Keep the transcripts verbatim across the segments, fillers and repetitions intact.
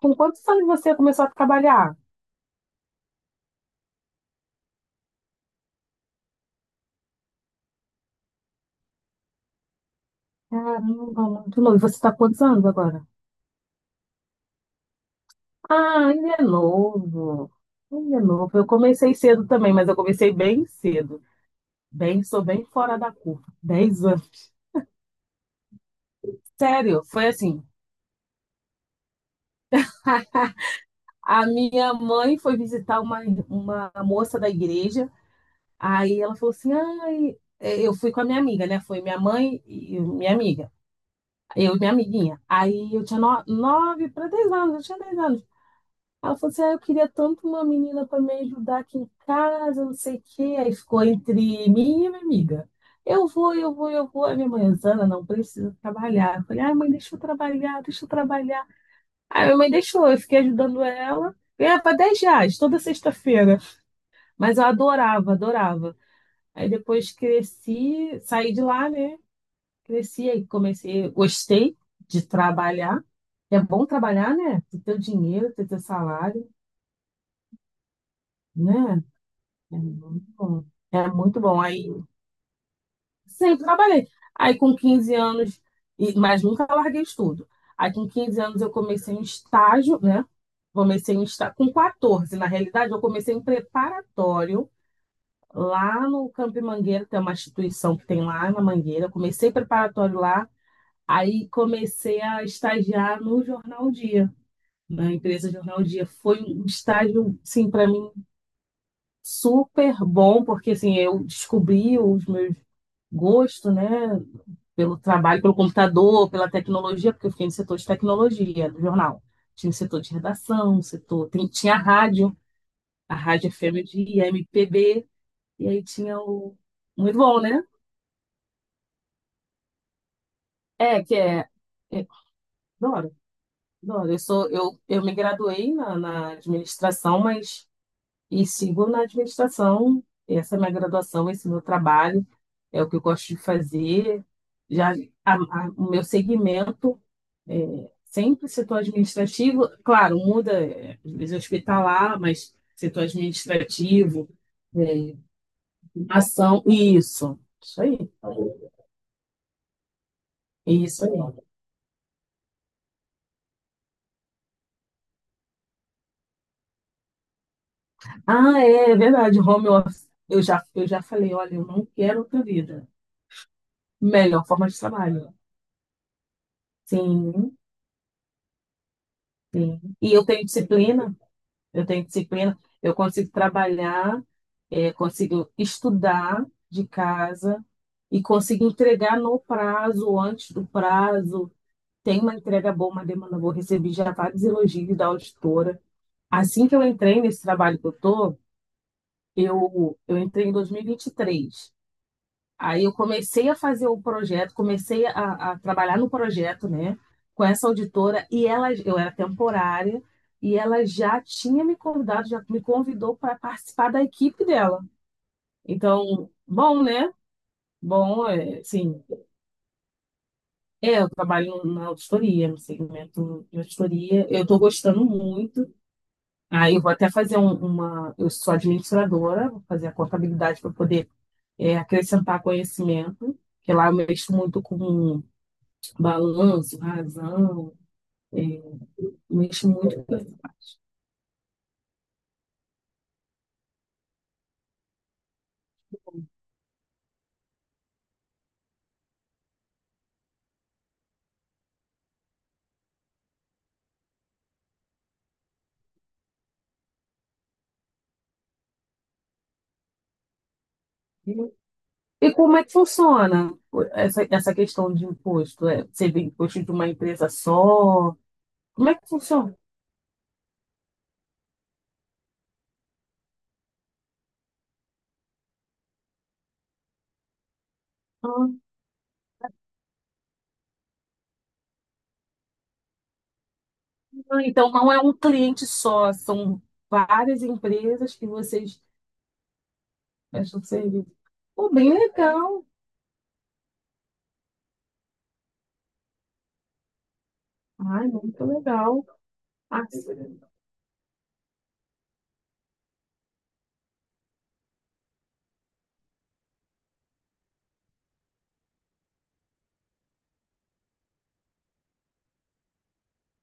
Com quantos anos você começou a trabalhar? Caramba, muito novo. E você está quantos anos agora? Ah, ainda é novo. Ainda é novo. Eu comecei cedo também, mas eu comecei bem cedo. Bem, sou bem fora da curva. Dez anos. Sério, foi assim. A minha mãe foi visitar uma, uma moça da igreja. Aí ela falou assim: ai, é, eu fui com a minha amiga, né? Foi minha mãe e minha amiga. Eu e minha amiguinha. Aí eu tinha no- nove para dez anos, eu tinha dez anos. Ela falou assim: ah, eu queria tanto uma menina para me ajudar aqui em casa, não sei o quê. Aí ficou entre mim e minha amiga. Eu vou, eu vou, eu vou. A minha mãe, Zana, não precisa trabalhar. Eu falei: ai, mãe, deixa eu trabalhar, deixa eu trabalhar. Aí minha mãe deixou, eu fiquei ajudando ela. Ganhava dez reais toda sexta-feira. Mas eu adorava, adorava. Aí depois cresci, saí de lá, né? Cresci, aí comecei, gostei de trabalhar. É bom trabalhar, né? Ter teu dinheiro, ter teu salário, né? É muito bom. É muito bom. Aí sempre trabalhei. Aí com quinze anos, e- mas nunca larguei estudo. Aí com quinze anos eu comecei um estágio, né? Comecei um estágio com catorze, na realidade, eu comecei em preparatório lá no Campo Mangueira, tem uma instituição que tem lá na Mangueira. Eu comecei preparatório lá, aí comecei a estagiar no Jornal Dia. Na empresa Jornal Dia foi um estágio, sim, para mim super bom, porque assim, eu descobri os meus gosto, né, pelo trabalho, pelo computador, pela tecnologia, porque eu fiquei no setor de tecnologia do jornal. Tinha o setor de redação, o setor, tem- tinha a rádio, a rádio F M de M P B, e aí tinha o muito bom, né? É, que é, é Adoro, adoro. Eu sou, eu, eu me graduei na, na administração, mas e sigo na administração. Essa é a minha graduação, esse é o meu trabalho, é o que eu gosto de fazer. Já a- a- o meu segmento É, sempre setor administrativo, claro, muda, é, às vezes hospitalar, mas setor administrativo, é, ação, isso, isso aí, isso aí. Ah, é, é verdade, home office. Eu já, eu já falei, olha, eu não quero outra vida. Melhor forma de trabalho. Sim, sim. E eu tenho disciplina, eu tenho disciplina, eu consigo trabalhar, é, consigo estudar de casa e consigo entregar no prazo, antes do prazo. Tem uma entrega boa, uma demanda boa. Recebi já vários elogios da auditora. Assim que eu entrei nesse trabalho que eu tô, eu, eu entrei em dois mil e vinte e três. Aí eu comecei a fazer o projeto, comecei a, a trabalhar no projeto, né, com essa auditora e ela, eu era temporária e ela já tinha me convidado, já me convidou para participar da equipe dela. Então, bom, né? Bom, é, sim. É, eu trabalho na auditoria, no segmento de auditoria. Eu estou gostando muito. Aí eu vou até fazer um- uma. Eu sou administradora, vou fazer a contabilidade para poder é, acrescentar conhecimento, que lá eu mexo muito com balanço, razão, é, mexo muito com isso. E como é que funciona essa, essa questão de imposto? É, seria imposto de uma empresa só? Como é que funciona? Ah, então não é um cliente só, são várias empresas que vocês prestam serviço. Pô, bem legal. Ai, muito legal. Ah,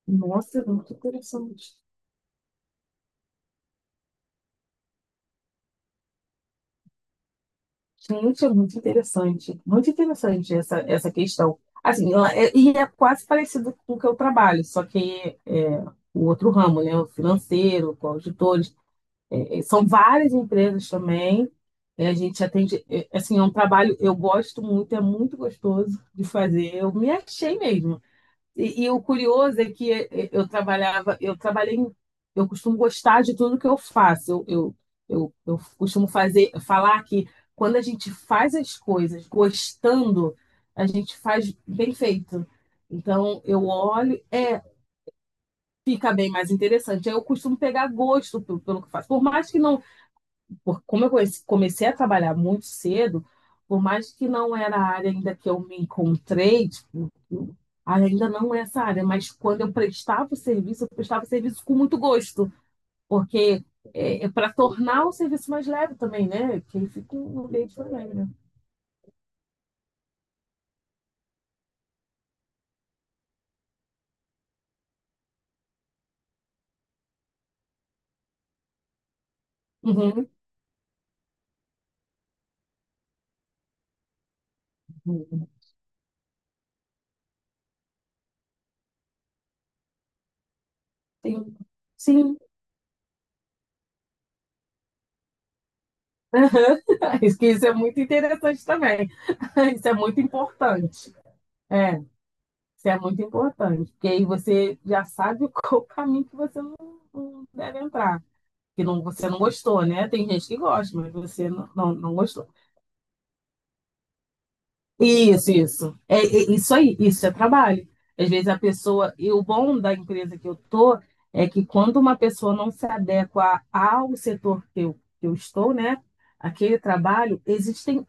nossa, é muito interessante. Gente, é muito interessante. Muito interessante essa, essa questão. Assim, ela é- e é quase parecido com o que eu trabalho, só que é, o outro ramo, né? O financeiro, com auditores. É, é, são várias empresas também. É, a gente atende. É, assim, é um trabalho eu gosto muito, é muito gostoso de fazer. Eu me achei mesmo. E, e o curioso é que eh, eh, eu trabalhava, eu trabalhei, em- eu costumo gostar de tudo que eu faço. Eu, eu, eu, eu costumo fazer, falar que quando a gente faz as coisas gostando, a gente faz bem feito. Então eu olho, é, fica bem mais interessante. Aí eu costumo pegar gosto pe- pelo, que eu faço. Por mais que não porque como eu conheci- comecei a trabalhar muito cedo, por mais que não era a área ainda que eu me encontrei, tipo, ainda não é essa área, mas quando eu prestava o serviço, eu prestava o serviço com muito gosto, porque é, para tornar o serviço mais leve também, né? Que aí fica um ambiente mais leve, né? Uhum. Sim. Sim. Aham. Isso que isso é muito interessante também. Isso é muito importante. É. Isso é muito importante, porque aí você já sabe qual o caminho que você não, não deve entrar. Que não, você não gostou, né? Tem gente que gosta, mas você não, não, não gostou. Isso, isso. É, é isso aí, isso é trabalho. Às vezes a pessoa, e o bom da empresa que eu tô é que quando uma pessoa não se adequa a- ao setor que eu, que eu estou, né? Aquele trabalho, existem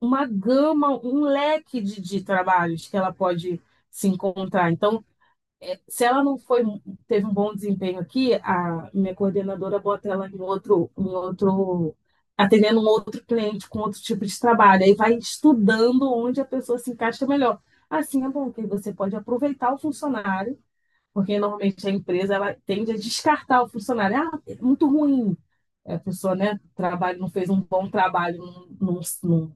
uma gama, um leque de, de trabalhos que ela pode se encontrar. Então, se ela não foi, teve um bom desempenho aqui, a minha coordenadora bota ela em outro, em outro, atendendo um outro cliente com outro tipo de trabalho. Aí vai estudando onde a pessoa se encaixa melhor. Assim é bom, porque você pode aproveitar o funcionário, porque normalmente a empresa ela tende a descartar o funcionário. Ah, é muito ruim. É, a pessoa, né, trabalho, não fez um bom trabalho num, num,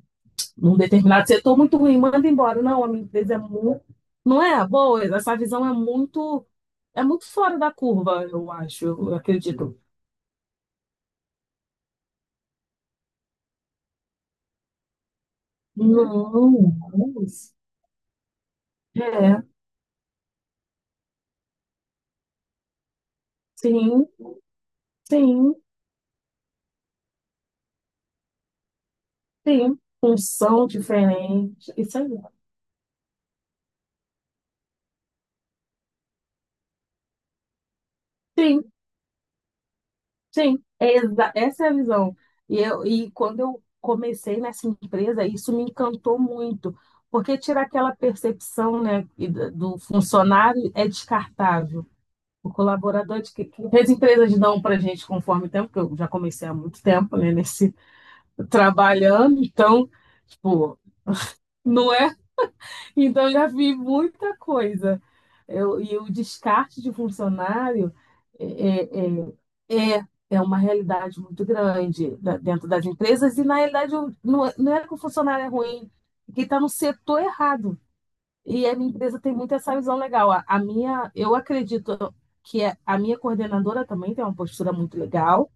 num determinado setor, muito ruim, manda embora. Não, a minha empresa é muito. Não é boa, essa visão é muito é muito fora da curva, eu acho, eu acredito. Não, mas- É, sim, sim, sim. Função diferente. Isso aí. Sim, sim. É exa- essa é a visão. E, eu, e quando eu comecei nessa empresa, isso me encantou muito, porque tira aquela percepção, né, e da- do funcionário é descartável. O colaborador de que, que as empresas dão para gente conforme o tempo, que eu já comecei há muito tempo, né, nesse trabalhando, então. Pô, não é? Então eu já vi muita coisa. Eu, e o descarte de funcionário é, é, é, é é uma realidade muito grande da- dentro das empresas, e na realidade eu- não, é- não é que o funcionário é ruim, é que está no setor errado. E a minha empresa tem muito essa visão legal. A, a minha, eu acredito que a a minha coordenadora também tem uma postura muito legal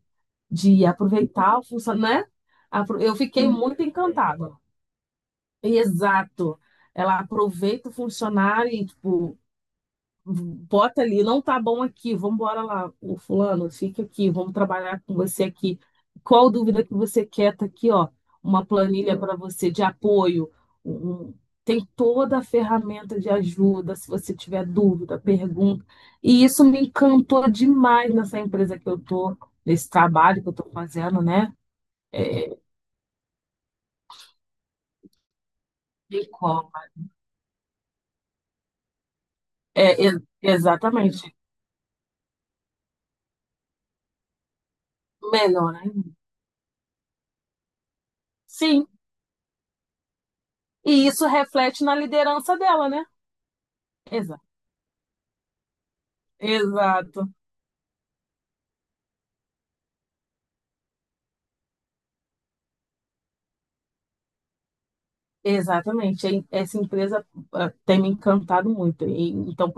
de aproveitar o funcionário, né? Apro- Eu fiquei muito encantada. Exato. Ela aproveita o funcionário e, tipo, bota ali, não tá bom aqui, vamos embora lá, o fulano, fica aqui, vamos trabalhar com você aqui. Qual dúvida que você quer? Tá aqui, ó, uma planilha para você de apoio. um- um, tem toda a ferramenta de ajuda, se você tiver dúvida, pergunta. E isso me encantou demais nessa empresa que eu tô, nesse trabalho que eu tô fazendo, né? De copa. É, e- exatamente. Melhor ainda. Sim, e isso reflete na liderança dela, né? Exato. Exato. Exatamente. E essa empresa ah, tem me encantado muito. E, então,